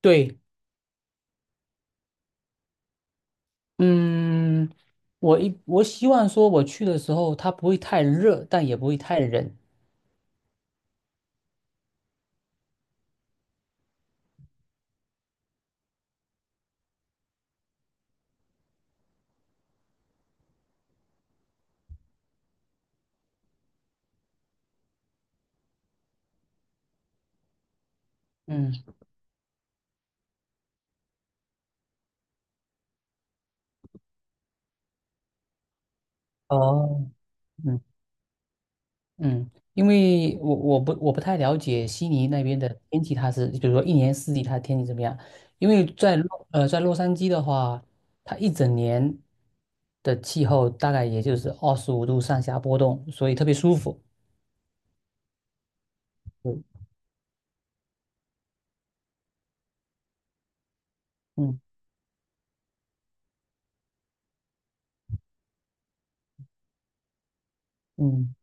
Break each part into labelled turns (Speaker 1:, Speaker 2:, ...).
Speaker 1: 对，嗯，我希望说我去的时候它不会太热，但也不会太冷。嗯哦，嗯嗯，因为我不太了解悉尼那边的天气，它是比如说一年四季它的天气怎么样？因为在洛杉矶的话，它一整年的气候大概也就是25度上下波动，所以特别舒服。对，嗯嗯，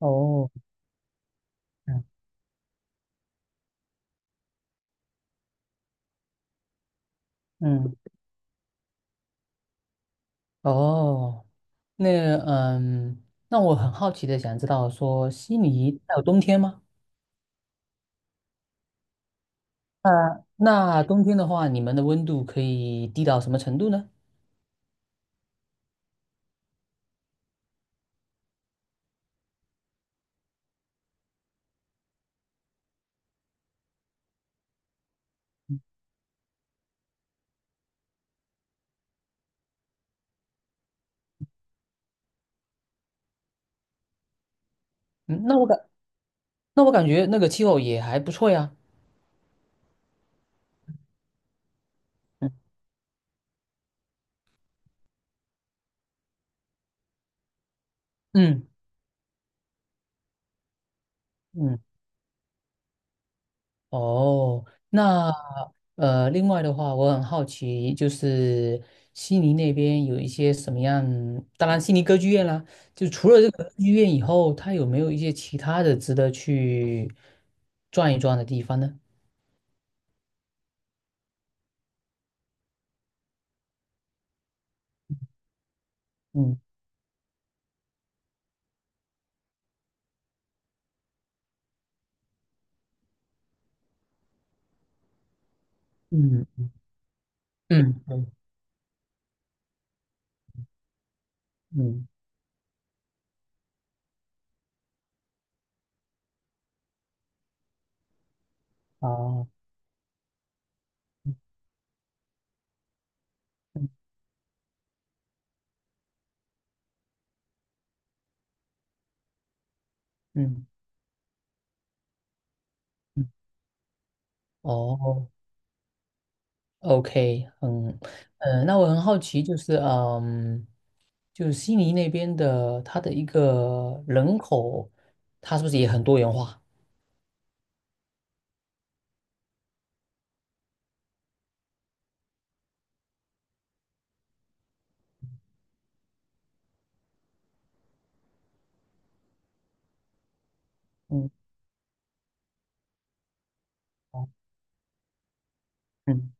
Speaker 1: 哦，嗯嗯，哦。那那我很好奇的想知道说，悉尼它有冬天吗？啊，那冬天的话，你们的温度可以低到什么程度呢？嗯，那我感那我感觉那个气候也还不错呀。嗯嗯嗯，哦，那另外的话，我很好奇，就是悉尼那边有一些什么样？当然，悉尼歌剧院啦，就除了这个歌剧院以后，它有没有一些其他的值得去转一转的地方呢？嗯嗯。嗯嗯嗯，好，嗯嗯嗯，哦，OK,那我很好奇，就是悉尼那边的它的一个人口，它是不是也很多元化？嗯，嗯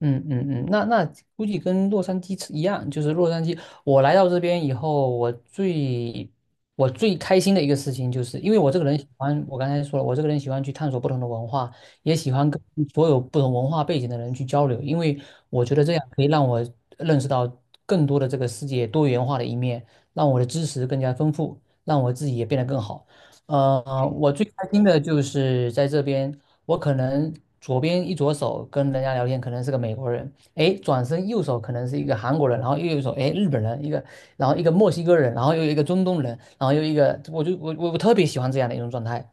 Speaker 1: 那估计跟洛杉矶一样，就是洛杉矶。我来到这边以后，我最开心的一个事情，就是因为我这个人喜欢，我刚才说了，我这个人喜欢去探索不同的文化，也喜欢跟所有不同文化背景的人去交流，因为我觉得这样可以让我认识到更多的这个世界多元化的一面，让我的知识更加丰富，让我自己也变得更好。我最开心的就是在这边。我可能左边一左手跟人家聊天，可能是个美国人，哎，转身右手可能是一个韩国人，然后右手，哎，日本人一个，然后一个墨西哥人，然后又一个中东人，然后又一个，我就我我我特别喜欢这样的一种状态。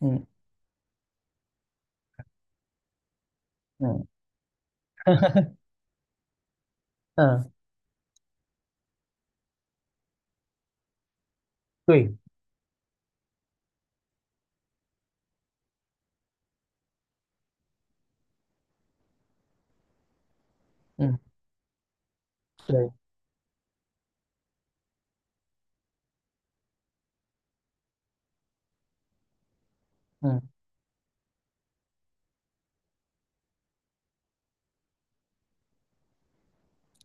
Speaker 1: 嗯嗯嗯，对，嗯对。嗯，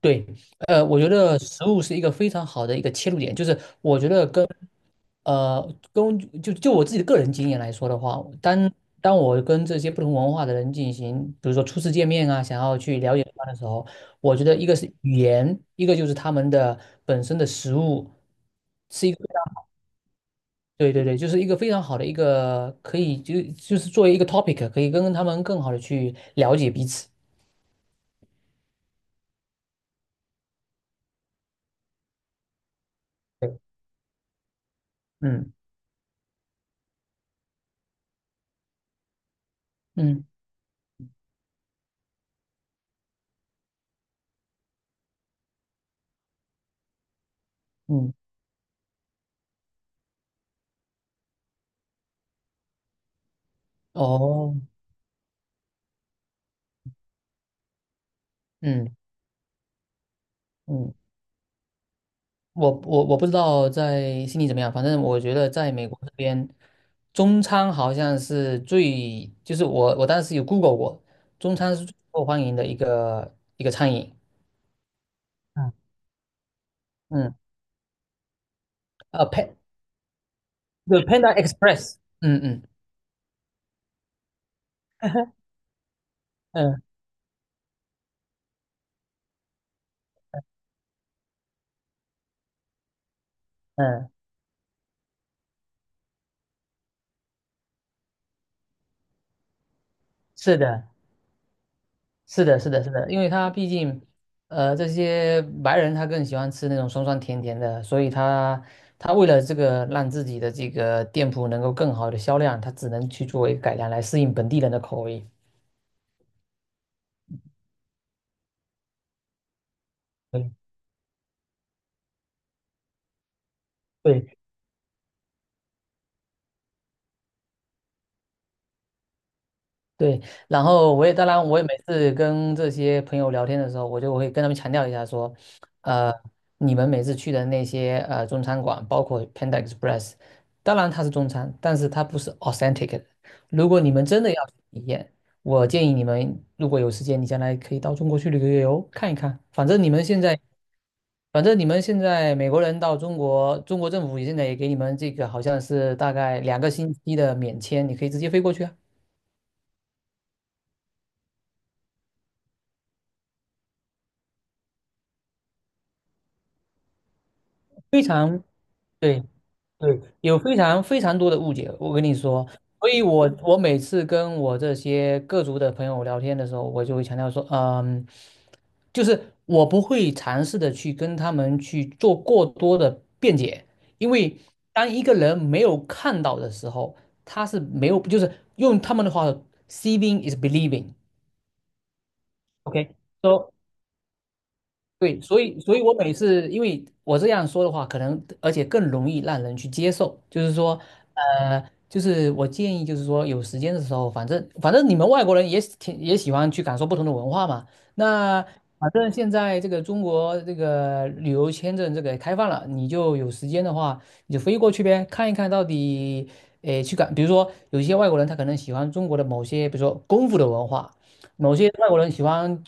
Speaker 1: 对，我觉得食物是一个非常好的一个切入点，就是我觉得跟就我自己的个人经验来说的话，当我跟这些不同文化的人进行，比如说初次见面啊，想要去了解他的时候，我觉得一个是语言，一个就是他们的本身的食物，是一个，对对对，就是一个非常好的一个可以就是作为一个 topic,可以跟他们更好的去了解彼此。对，嗯嗯嗯，哦，嗯嗯。我不知道在悉尼怎么样，反正我觉得在美国这边，中餐好像是最，就是我当时有 Google 过，中餐是最受欢迎的一个餐饮。嗯，嗯，呃，Pan，Panda Express。嗯嗯，嗯嗯，是的。是的，是的，是的，因为他毕竟，这些白人他更喜欢吃那种酸酸甜甜的，所以他为了这个让自己的这个店铺能够更好的销量，他只能去作为改良来适应本地人的口味。对，对对，然后我也当然，我也每次跟这些朋友聊天的时候，我就会跟他们强调一下说，呃，你们每次去的那些中餐馆，包括 Panda Express,当然它是中餐，但是它不是 authentic 的。如果你们真的要去体验，我建议你们如果有时间，你将来可以到中国去旅个游，看一看。反正你们现在美国人到中国，中国政府现在也给你们这个好像是大概2个星期的免签，你可以直接飞过去啊，非常。对。对，有非常非常多的误解，我跟你说，所以我每次跟我这些各族的朋友聊天的时候，我就会强调说，就是我不会尝试的去跟他们去做过多的辩解，因为当一个人没有看到的时候，他是没有，就是用他们的话，seeing is believing，OK，so 对，所以我每次，因为我这样说的话，可能而且更容易让人去接受。就是说，就是我建议，就是说有时间的时候，反正你们外国人挺也喜欢去感受不同的文化嘛。那反正现在这个中国这个旅游签证这个开放了，你就有时间的话，你就飞过去呗，看一看到底，诶，比如说有一些外国人他可能喜欢中国的某些，比如说功夫的文化。某些外国人喜欢，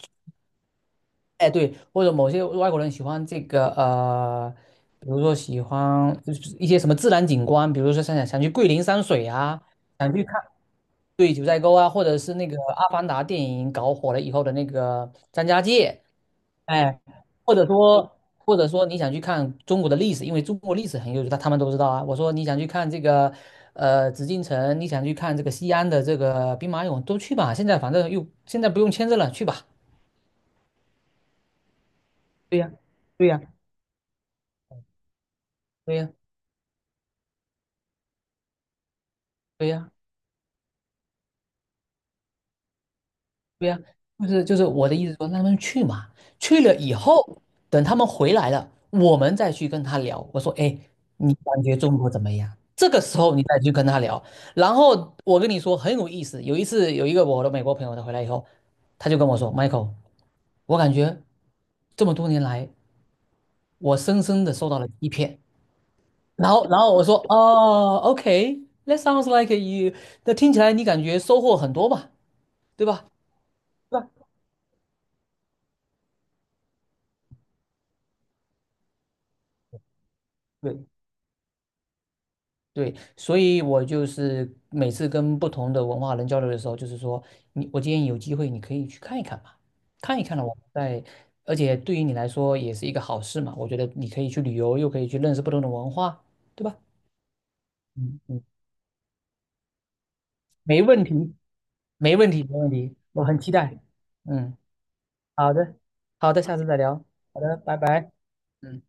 Speaker 1: 哎，对，或者某些外国人喜欢这个比如说喜欢就是一些什么自然景观，比如说想去桂林山水啊，想去看，对，九寨沟啊，或者是那个《阿凡达》电影搞火了以后的那个张家界，哎，或者说或者说你想去看中国的历史，因为中国历史很悠久，他们都知道啊。我说你想去看这个紫禁城，你想去看这个西安的这个兵马俑，都去吧。现在反正又现在不用签证了，去吧。对呀，对呀，对呀，对呀。对呀，就是我的意思说，让他们去嘛，去了以后，等他们回来了，我们再去跟他聊。我说，哎，你感觉中国怎么样？这个时候你再去跟他聊。然后我跟你说很有意思，有一次有一个我的美国朋友，他回来以后，他就跟我说，Michael,我感觉这么多年来，我深深的受到了欺骗。然后我说，哦OK，that sounds like you,那听起来你感觉收获很多吧，对吧？对吧？对对，所以我就是每次跟不同的文化人交流的时候，就是说，我建议有机会你可以去看一看嘛，看一看了我们在，而且对于你来说也是一个好事嘛。我觉得你可以去旅游，又可以去认识不同的文化，对吧？嗯嗯，没问题，没问题，没问题，我很期待。嗯，好的，好的，下次再聊。好的，拜拜。嗯。